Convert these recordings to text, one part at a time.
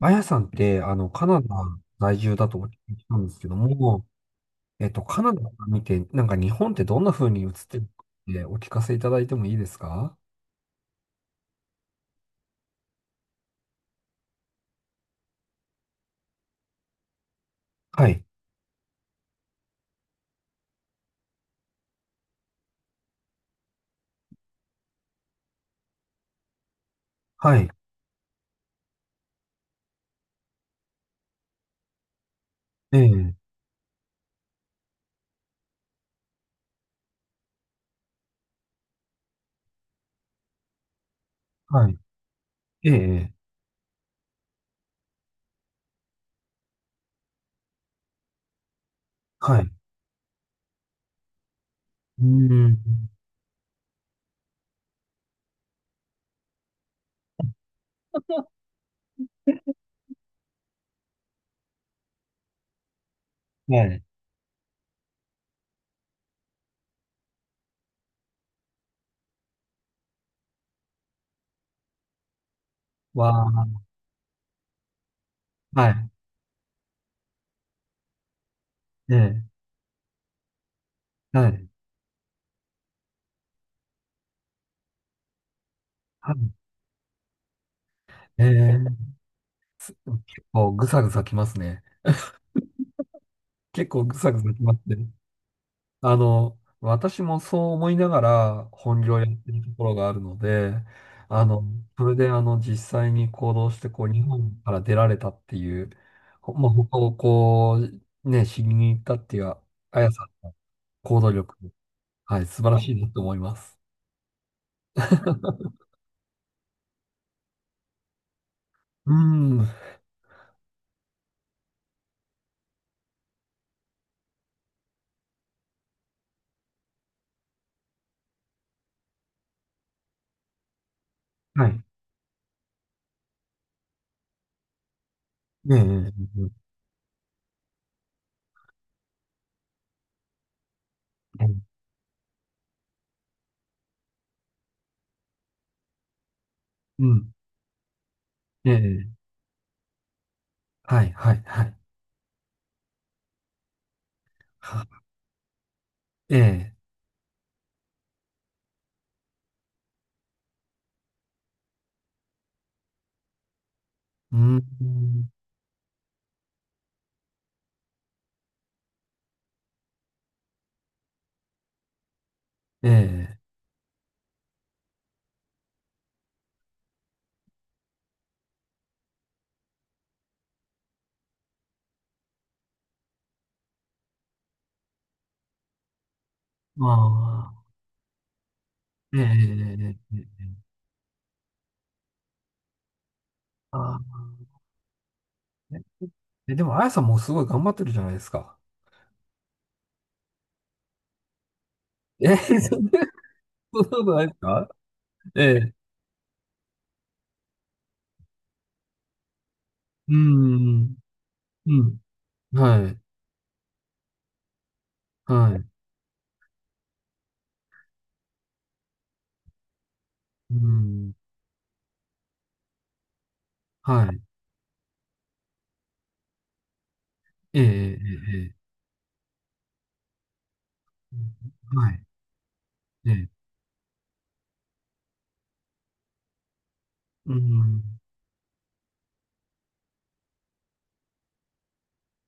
あやさんって、カナダ在住だとお聞きしたんですけども、カナダから見て、なんか日本ってどんな風に映ってるかってお聞かせいただいてもいいですか？はい。はい。ええ、はい。ええ、はい。うーん。はい。わあ、はい。ええ、はい。はい。ええ、結構ぐさぐさきますね。結構ぐさぐさきますね。私もそう思いながら本業をやってるところがあるので、あの、それで実際に行動して、こう、日本から出られたっていう、まあ、他をこう、ね、知りに行ったっていう、あやさん、行動力、はい、素晴らしいなと思います。うん、はい。ええ、ええええうん、ええ、はい、はい、はい。はええ、うん、ええ、まあ、ええ、ええ、ええああえ、え、でも、あやさんもすごい頑張ってるじゃないですか。え、そんなことないですか？ええ、うん、うん、はい、はい、うん、はい、ええ、ええ、ええはい、ええ、うん、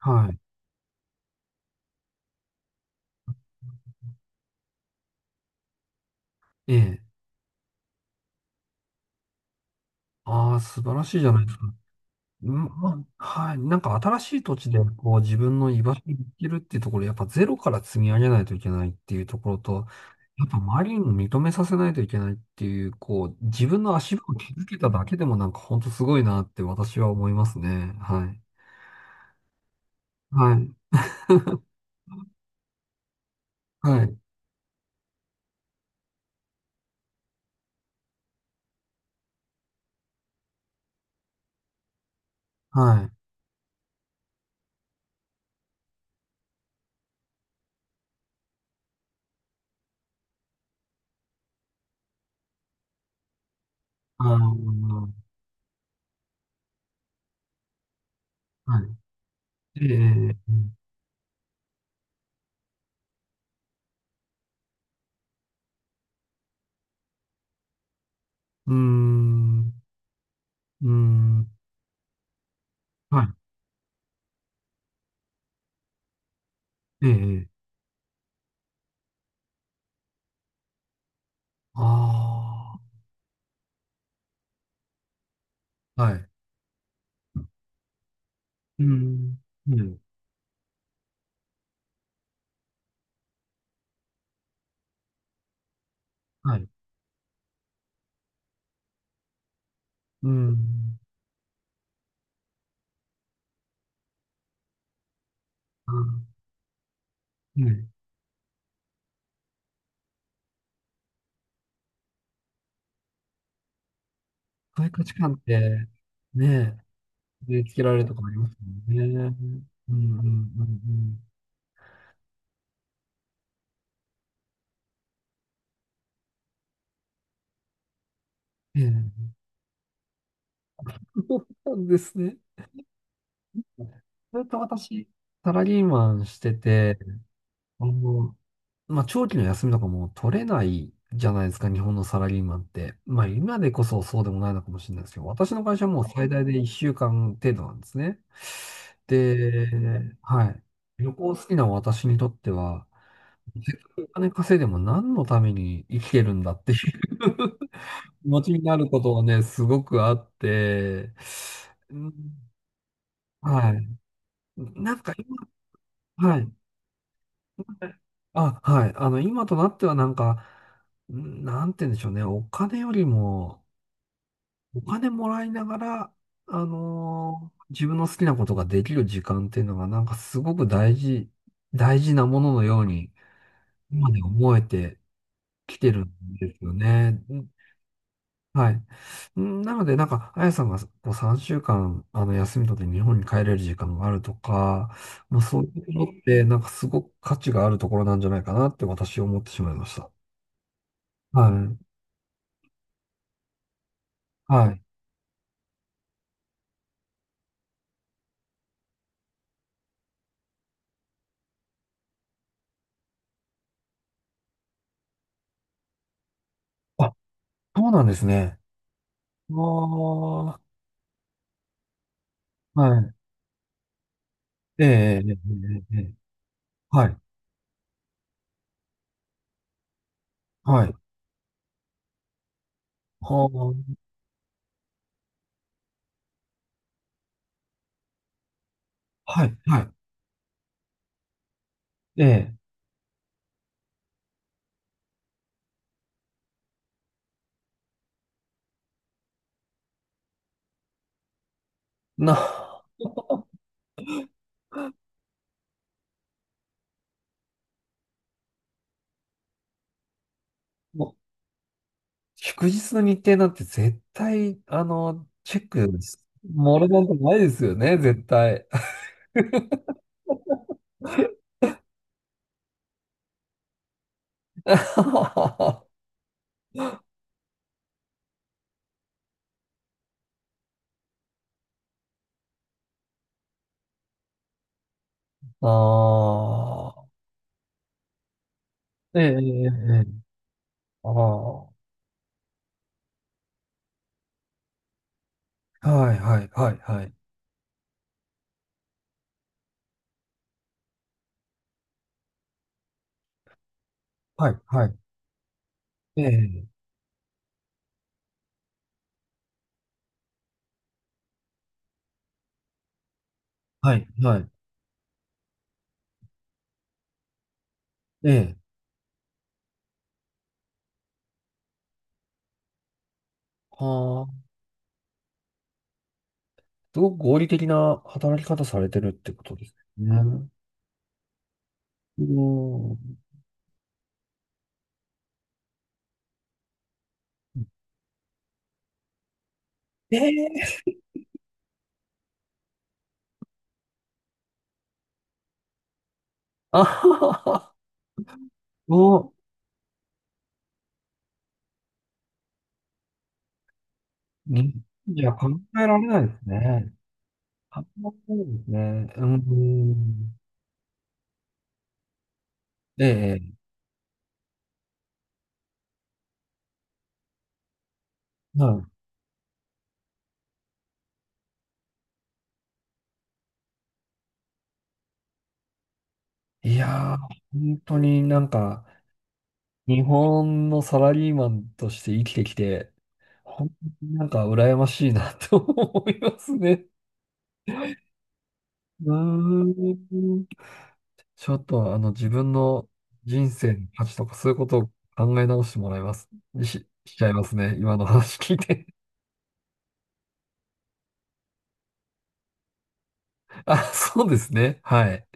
はい、ええ、ああ、素晴らしいじゃないですか。うんまあはい。なんか新しい土地でこう自分の居場所に行けるっていうところ、やっぱゼロから積み上げないといけないっていうところと、やっぱ周りにも認めさせないといけないっていう、こう自分の足場を築けただけでもなんか本当すごいなって私は思いますね。はい。はい。はい。はい。あのはい。ええうん。うーん。はい。ええああはい。うん。はい。はい。うん。うんはい、そういう価値観って、ねえ、植え付けられるとこありますもんね。うんうんうんうん。ええ、そうなんですね。ずっと私、サラリーマンしてて、あの、まあ、長期の休みとかも取れないじゃないですか、日本のサラリーマンって。まあ、今でこそそうでもないのかもしれないですけど、私の会社はもう最大で1週間程度なんですね。で、はい。旅行好きな私にとっては、お金稼いでも何のために生きてるんだっていう 気持ちになることはね、すごくあって、うんはい。なんか今、はい。あ、はい。今となってはなんか、なんて言うんでしょうね。お金よりも、お金もらいながら、自分の好きなことができる時間っていうのがなんかすごく大事、大事なもののように、今で思えてきてるんですよね。はい。なので、なんか、あやさんがこう3週間、休み取って日本に帰れる時間があるとか、まあ、そういうのって、なんかすごく価値があるところなんじゃないかなって私思ってしまいました。はい。はい。あ、そうなんですね。ああ、はい。ええ、ええ、ええ、ええはい。はい。はあ、はい。はい。ええ、な、もう祝日の日程なんて絶対、チェック、もろなんてないですよね、絶対。ああー、ええ、ええ、ええああ、はいはい、はい、はい、はい、はい、ええ、はい、はい、ええ、はあ、すごく合理的な働き方されてるってことですね。うん。ええ、あはは、お、いや、考えられないですね。考えられないですね。うん。ええ、はい。いやー、本当になんか、日本のサラリーマンとして生きてきて、本当になんか羨ましいなと思いますね。うーん。ちょっと自分の人生の価値とかそういうことを考え直してもらいます。しちゃいますね。今の話聞いて。あ、そうですね。はい。